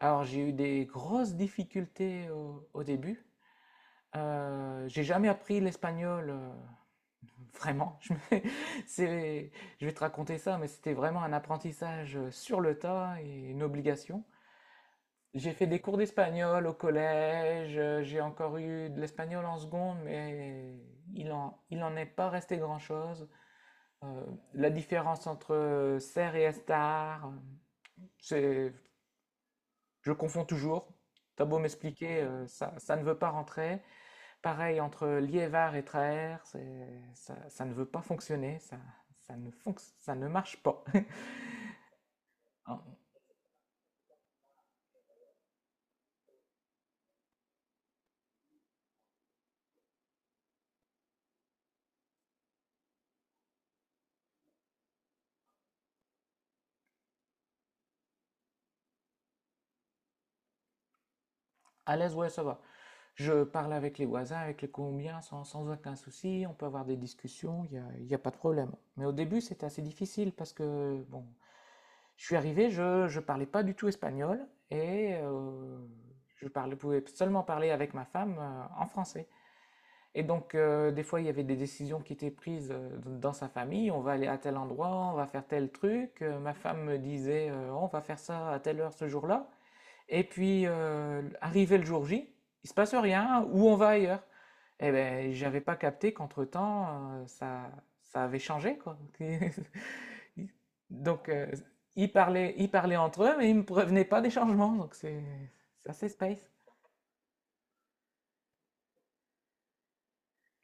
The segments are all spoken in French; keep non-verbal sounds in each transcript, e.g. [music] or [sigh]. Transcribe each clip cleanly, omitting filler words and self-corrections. Alors, j'ai eu des grosses difficultés au début. J'ai jamais appris l'espagnol, vraiment. [laughs] C'est- je vais te raconter ça, mais c'était vraiment un apprentissage sur le tas et une obligation. J'ai fait des cours d'espagnol au collège, j'ai encore eu de l'espagnol en seconde, mais il en est pas resté grand-chose. Euh, la différence entre ser et estar, c'est Je confonds toujours. T'as beau m'expliquer, ça, ça ne veut pas rentrer. Pareil, entre Liévard et Traer, ça, ça ne veut pas fonctionner. Ça ne fonc- ça ne marche pas. [laughs] Hein, à l'aise, ouais, ça va. Je parle avec les voisins, avec les Colombiens, sans aucun souci. On peut avoir des discussions, il y a pas de problème. Mais au début, c'était assez difficile parce que, bon, je suis arrivé, je ne parlais pas du tout espagnol et je parlais, pouvais seulement parler avec ma femme en français. Et donc, des fois, il y avait des décisions qui étaient prises dans sa famille. On va aller à tel endroit, on va faire tel truc. Ma femme me disait, on va faire ça à telle heure ce jour-là. Et puis, arrivé le jour J, il se passe rien, ou on va ailleurs. Eh ben, j'avais pas capté qu'entre-temps, ça, ça avait changé, quoi. [laughs] Donc, ils parlaient entre eux, mais ils me prévenaient pas des changements. Donc, c'est assez space.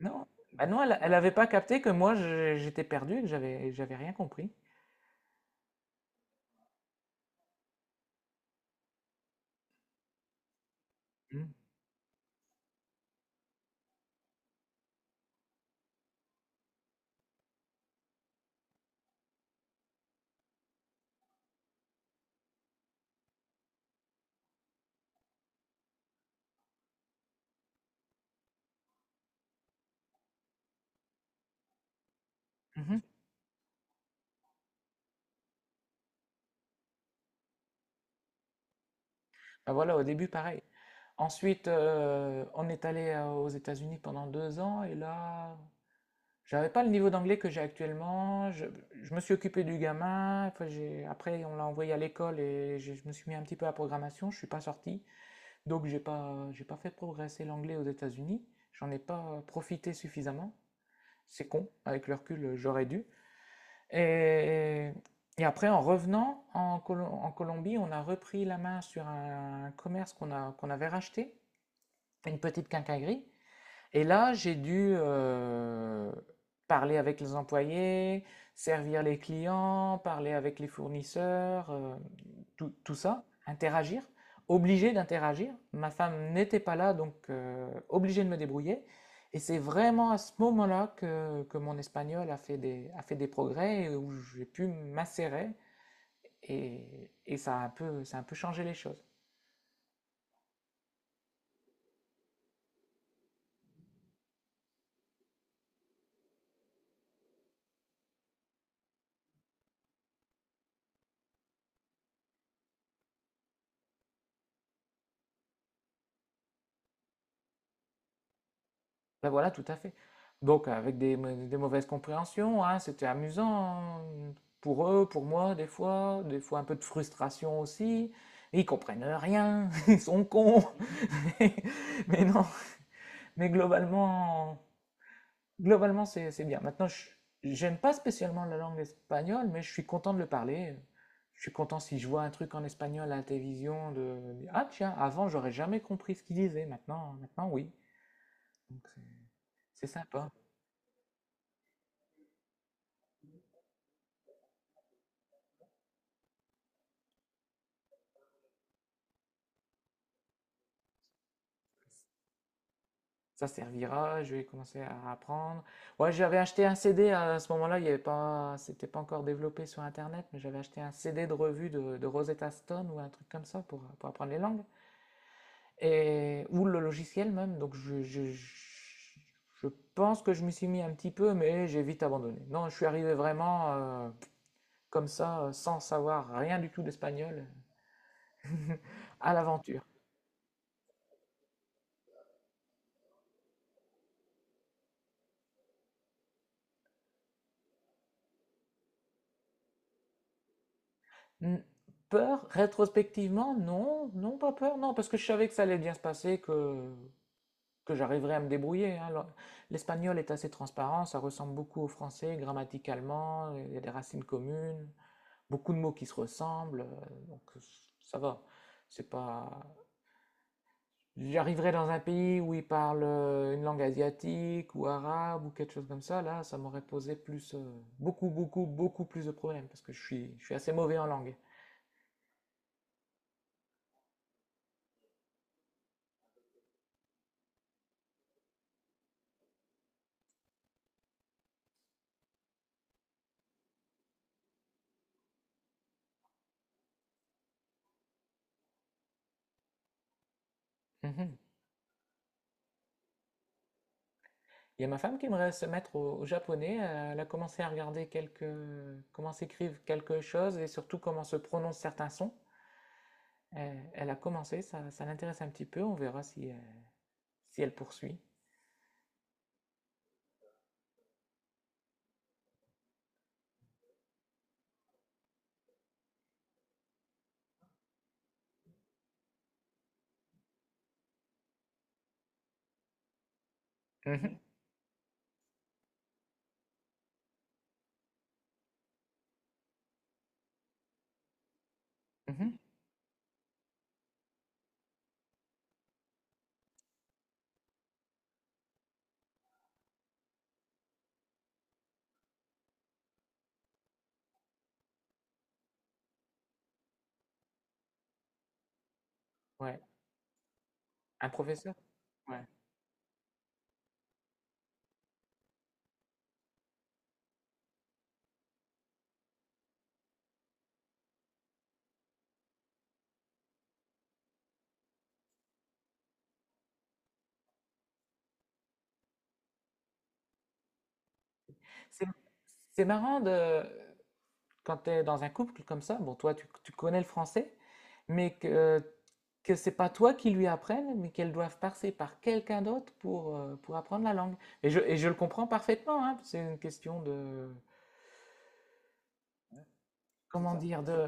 Non, bah non, elle avait pas capté que j'étais perdu, et que j'avais rien compris. Mhm. Mhm. Bah voilà, au début pareil. Ensuite, on est allé aux États-Unis pendant 2 ans et là, j'avais pas le niveau d'anglais que j'ai actuellement. Je me suis occupé du gamin. Après, après, on l'a envoyé à l'école et je me suis mis un petit peu à la programmation. Je suis pas sorti, donc j'ai pas fait progresser l'anglais aux États-Unis. J'en ai pas profité suffisamment. C'est con. Avec le recul, j'aurais dû. Et, et après, en Colombie, on a repris la main sur un, commerce qu'on avait racheté, une petite quincaillerie. Et là, j'ai dû parler avec les employés, servir les clients, parler avec les fournisseurs, tout, tout ça, interagir, obligé d'interagir. Ma femme n'était pas là, donc obligé de me débrouiller. Et c'est vraiment à ce moment-là que mon espagnol a fait a fait des progrès et où j'ai pu m'insérer. Et ça a un peu, ça a un peu changé les choses. Ben voilà, tout à fait. Donc avec des mauvaises compréhensions, hein, c'était amusant mmh, pour eux, pour moi, des fois un peu de frustration aussi. Ils comprennent rien, [laughs] ils sont cons. [laughs] Mais non, mais globalement, c'est bien. Maintenant, j'aime pas spécialement la langue espagnole, mais je suis content de le parler. Je suis content si je vois un truc en espagnol à la télévision de, ah tiens, avant j'aurais jamais compris ce qu'ils disaient, maintenant, maintenant oui. Donc c'est sympa. Ça servira, je vais commencer à apprendre. Ouais, j'avais acheté un CD à ce moment-là, il y avait pas, c'était pas encore développé sur Internet, mais j'avais acheté un CD de revue de Rosetta Stone ou un truc comme ça pour apprendre les langues, et, ou le logiciel même. Donc je pense que je me suis mis un petit peu, mais j'ai vite abandonné. Non, je suis arrivé vraiment comme ça, sans savoir rien du tout d'espagnol, [laughs] à l'aventure. Mmh, peur? Rétrospectivement, non, non, pas peur, non, parce que je savais que ça allait bien se passer, que j'arriverais à me débrouiller, hein. L'espagnol est assez transparent, ça ressemble beaucoup au français, grammaticalement, il y a des racines communes, beaucoup de mots qui se ressemblent, donc ça va. C'est pas... J'arriverais dans un pays où ils parlent une langue asiatique ou arabe ou quelque chose comme ça, là, ça m'aurait posé plus, beaucoup, beaucoup, beaucoup plus de problèmes, parce que je suis assez mauvais en langue. Mhm. Il y a ma femme qui aimerait se mettre au japonais. Elle a commencé à regarder quelques, comment s'écrivent quelque chose et surtout comment se prononcent certains sons. Elle a commencé, ça l'intéresse un petit peu. On verra si, si elle poursuit. Mhm, mhm. Ouais, un professeur. Ouais. C'est, c'est marrant de, quand tu es dans un couple comme ça, bon, toi, tu connais le français, mais que c'est pas toi qui lui apprenne, mais qu'elles doivent passer par quelqu'un d'autre pour apprendre la langue. Et je le comprends parfaitement, hein, c'est une question de, comment dire, de...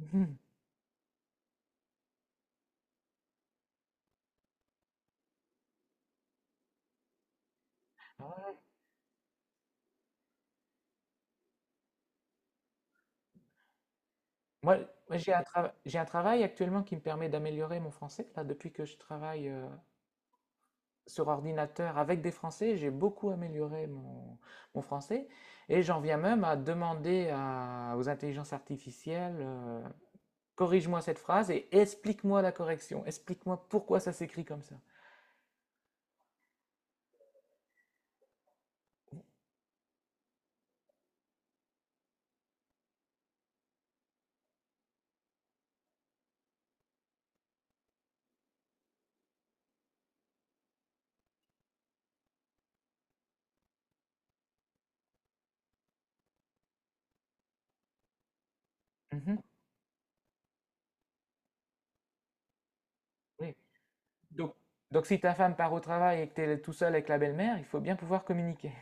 [laughs] Voilà. Moi, moi, j'ai un travail actuellement qui me permet d'améliorer mon français. Là, depuis que je travaille sur ordinateur avec des Français, j'ai beaucoup amélioré mon, mon français. Et j'en viens même à demander aux intelligences artificielles corrige-moi cette phrase et explique-moi la correction. Explique-moi pourquoi ça s'écrit comme ça. Mhm, oui. Donc, donc si ta femme part au travail et que tu es tout seul avec la belle-mère, il faut bien pouvoir communiquer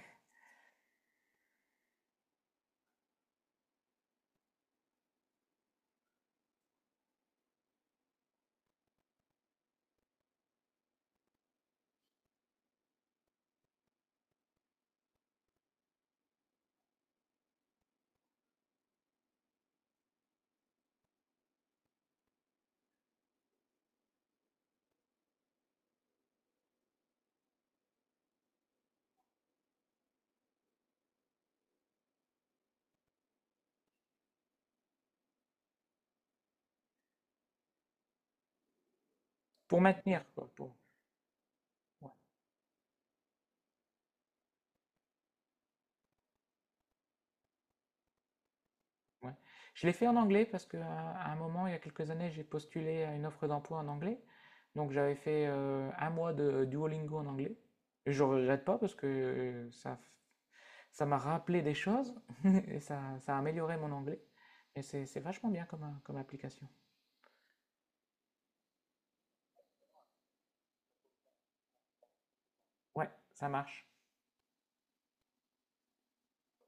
pour maintenir, quoi, pour- Ouais, ouais. Je l'ai fait en anglais parce que, à un moment, il y a quelques années, j'ai postulé à une offre d'emploi en anglais. Donc j'avais fait 1 mois de Duolingo en anglais. Et je ne regrette pas parce que ça, ça m'a rappelé des choses [laughs] et ça a amélioré mon anglais. Et c'est vachement bien comme, comme application. Ouais, ça marche.